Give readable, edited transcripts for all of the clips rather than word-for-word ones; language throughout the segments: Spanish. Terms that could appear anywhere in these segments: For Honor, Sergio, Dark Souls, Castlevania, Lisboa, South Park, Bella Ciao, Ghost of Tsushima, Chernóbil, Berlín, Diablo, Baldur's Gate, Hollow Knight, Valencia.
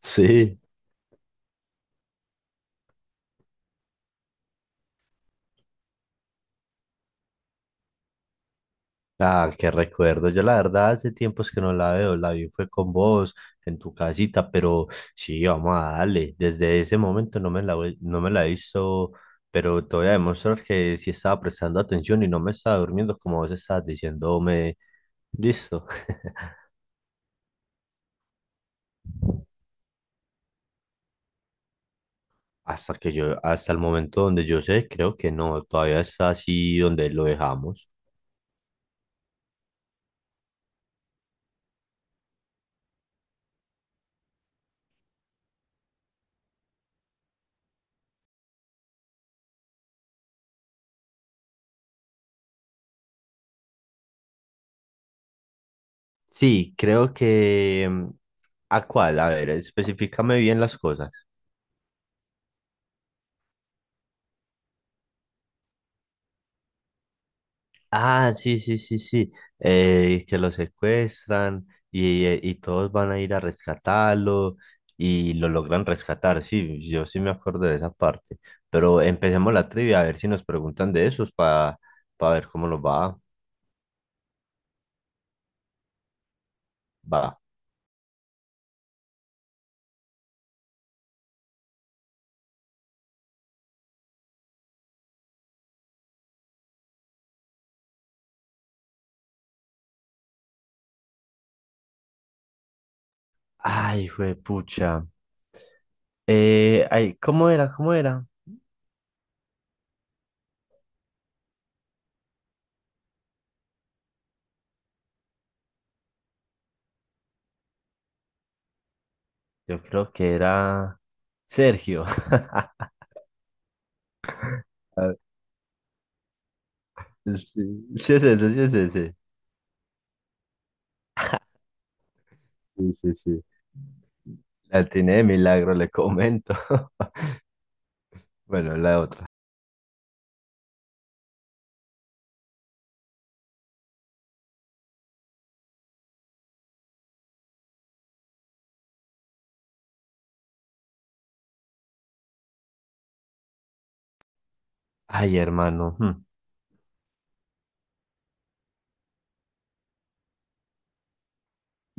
Sí, ah, qué recuerdo. Yo la verdad hace tiempos que no la veo, la vi fue con vos en tu casita, pero sí, vamos a darle. Desde ese momento no me la, no me la he visto, pero te voy a demostrar que sí estaba prestando atención y no me estaba durmiendo como vos estabas diciéndome, listo. Hasta que yo, hasta el momento donde yo sé, creo que no, todavía está así donde lo dejamos. Sí, creo que¿a cuál? A ver, especificame bien las cosas. Ah, sí, sí, sí, sí. Que lo secuestran y todos van a ir a rescatarlo y lo logran rescatar. Sí, yo sí me acuerdo de esa parte. Pero empecemos la trivia a ver si nos preguntan de esos para ver cómo nos va. Va. Ay, juepucha. Ay, ¿cómo era? ¿Cómo era? Yo creo que era Sergio. Sí, sí es ese, sí es ese. Sí, sí, sí. La atiné de milagro, le comento. Bueno, la otra. Ay, hermano. Hmm.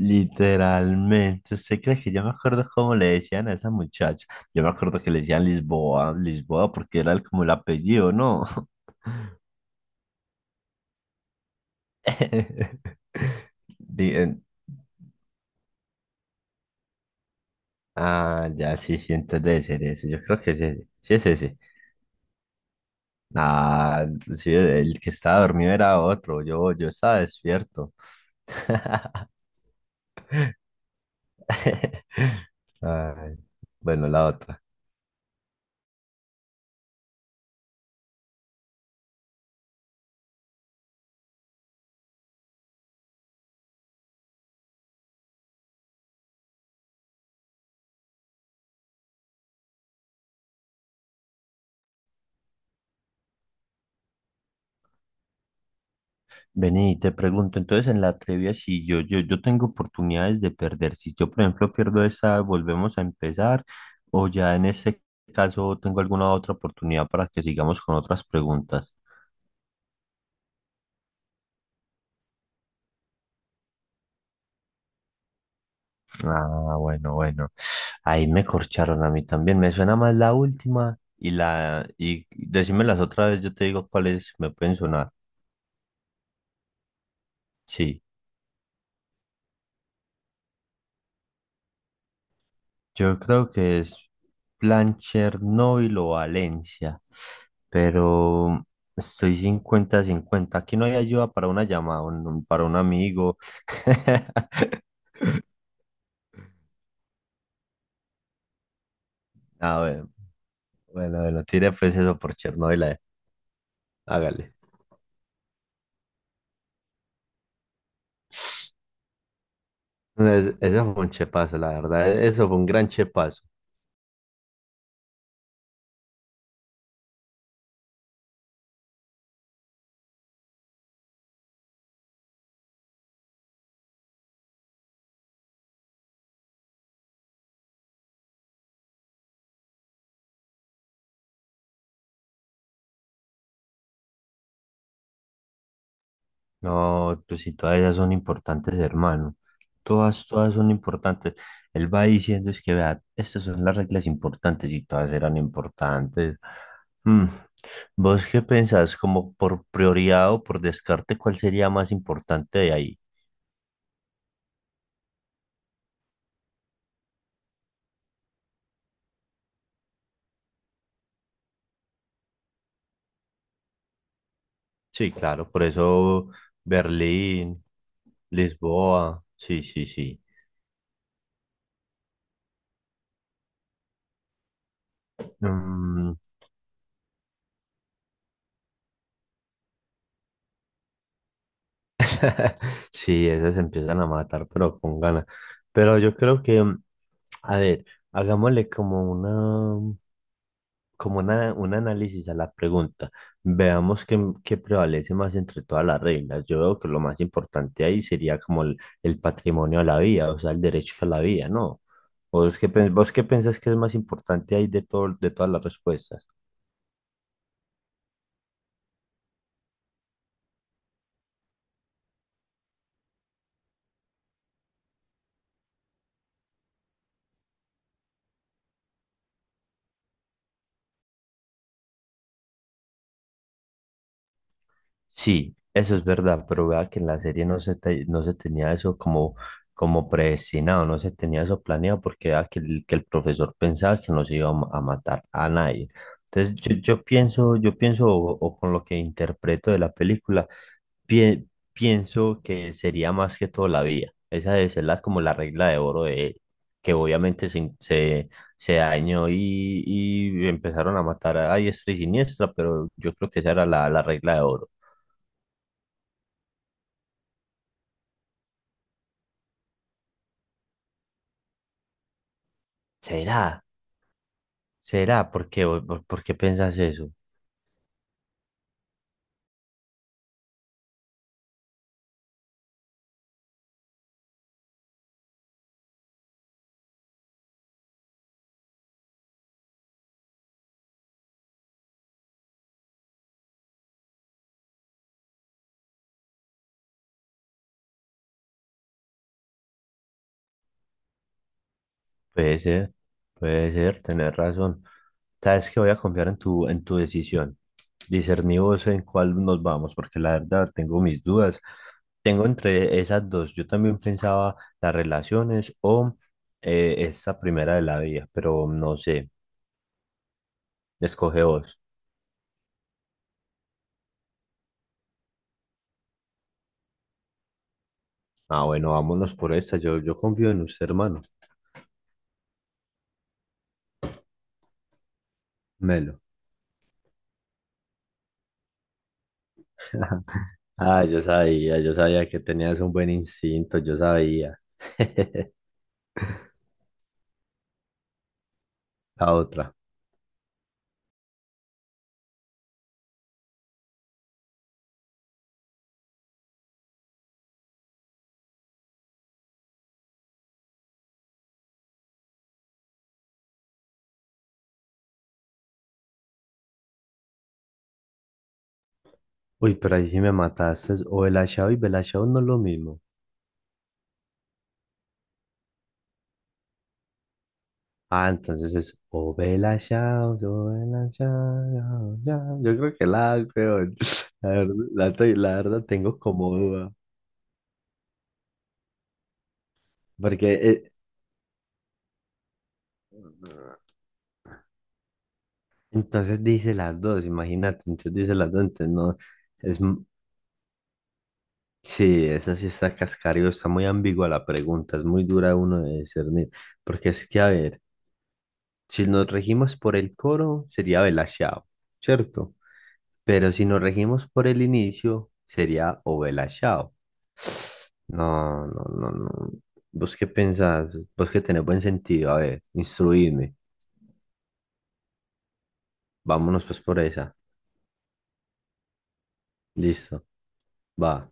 Literalmente, ¿usted cree que yo me acuerdo cómo le decían a esa muchacha? Yo me acuerdo que le decían Lisboa, Lisboa, porque era como el apellido, ¿no? Di- en- Ah, ya, sí, sí, entonces debe ser ese. Yo creo que es ese. Sí, es ese. Ah, sí, el que estaba dormido era otro. Yo estaba despierto. Ay, bueno, la otra. Vení, te pregunto, entonces en la trivia, si yo tengo oportunidades de perder, si yo por ejemplo pierdo esa, volvemos a empezar, o ya en ese caso tengo alguna otra oportunidad para que sigamos con otras preguntas. Ah, bueno, bueno, ahí me corcharon a mí también, me suena más la última y decímelas otra vez, yo te digo cuáles me pueden sonar. Sí. Yo creo que es plan Chernóbil o Valencia, pero estoy 50 cincuenta. Aquí no hay ayuda para una llamada, para un amigo. A ver, bueno, bueno, tire pues eso por Chernóbil, hágale. Eso fue un chepazo, la verdad. Eso fue un gran chepazo. No, pues si todas ellas son importantes, hermano. Todas, todas son importantes. Él va diciendo es que, vea, estas son las reglas importantes y todas eran importantes. Mm, ¿Vos qué pensás? Como por prioridad o por descarte, ¿cuál sería más importante de ahí? Sí, claro, por eso Berlín, Lisboa, sí, sí, sí. Mm. Sí, esas se empiezan a matar, pero con ganas. Pero yo creo que, a ver, hagámosle como una, un análisis a la pregunta. Veamos qué prevalece más entre todas las reglas. Yo veo que lo más importante ahí sería como el patrimonio a la vida, o sea, el derecho a la vida, ¿no? ¿O es qué, vos qué pensás que es más importante ahí de todo, de todas las respuestas? Sí, eso es verdad, pero vea que en la serie no no se tenía eso como, como predestinado, no se tenía eso planeado porque vea que que el profesor pensaba que no se iba a a matar a nadie. Entonces yo pienso o con lo que interpreto de la película, pie- pienso que sería más que todo la vida. Esa debe ser como la regla de oro de él, que obviamente se dañó y empezaron a matar a diestra y siniestra, pero yo creo que esa era la regla de oro. ¿Será? ¿Será? ¿Por qué? Por qué piensas eso? Puede ser, puede ser, tener razón. Sabes que voy a confiar en en tu decisión. Discerní vos en cuál nos vamos, porque la verdad tengo mis dudas. Tengo entre esas dos. Yo también pensaba las relaciones o esa primera de la vida, pero no sé. Escoge vos. Ah, bueno, vámonos por esta. Yo confío en usted, hermano. Melo. Ah, yo sabía que tenías un buen instinto, yo sabía. La otra. Uy, pero ahí sí me mataste. Es O Bella Ciao y Bella no es lo mismo. Ah, entonces es O Bella Ciao, yo Bella ya. Yo creo que la, peor. La verdad, la verdad tengo como duda. Porque entonces dice las dos, imagínate. Entonces dice las dos, entonces no. Es, sí, esa sí está cascario, está muy ambigua la pregunta, es muy dura uno de discernir, porque es que, a ver, si nos regimos por el coro, sería Belashao, ¿cierto? Pero si nos regimos por el inicio, sería o Belashao. No, no, no, no. ¿Vos qué pensás? Vos que tenés buen sentido, a ver, instruidme. Vámonos pues por esa. Listo, va.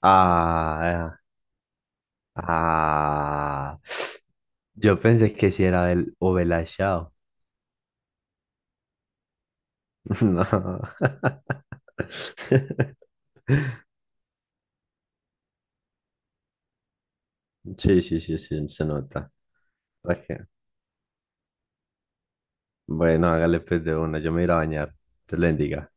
Ah, ah. Yo pensé que si era el o Belashao. No. Sí, sí, sí, sí, se nota. Ok. Bueno, hágale pues de una. Yo me iré a bañar. Te le bendiga.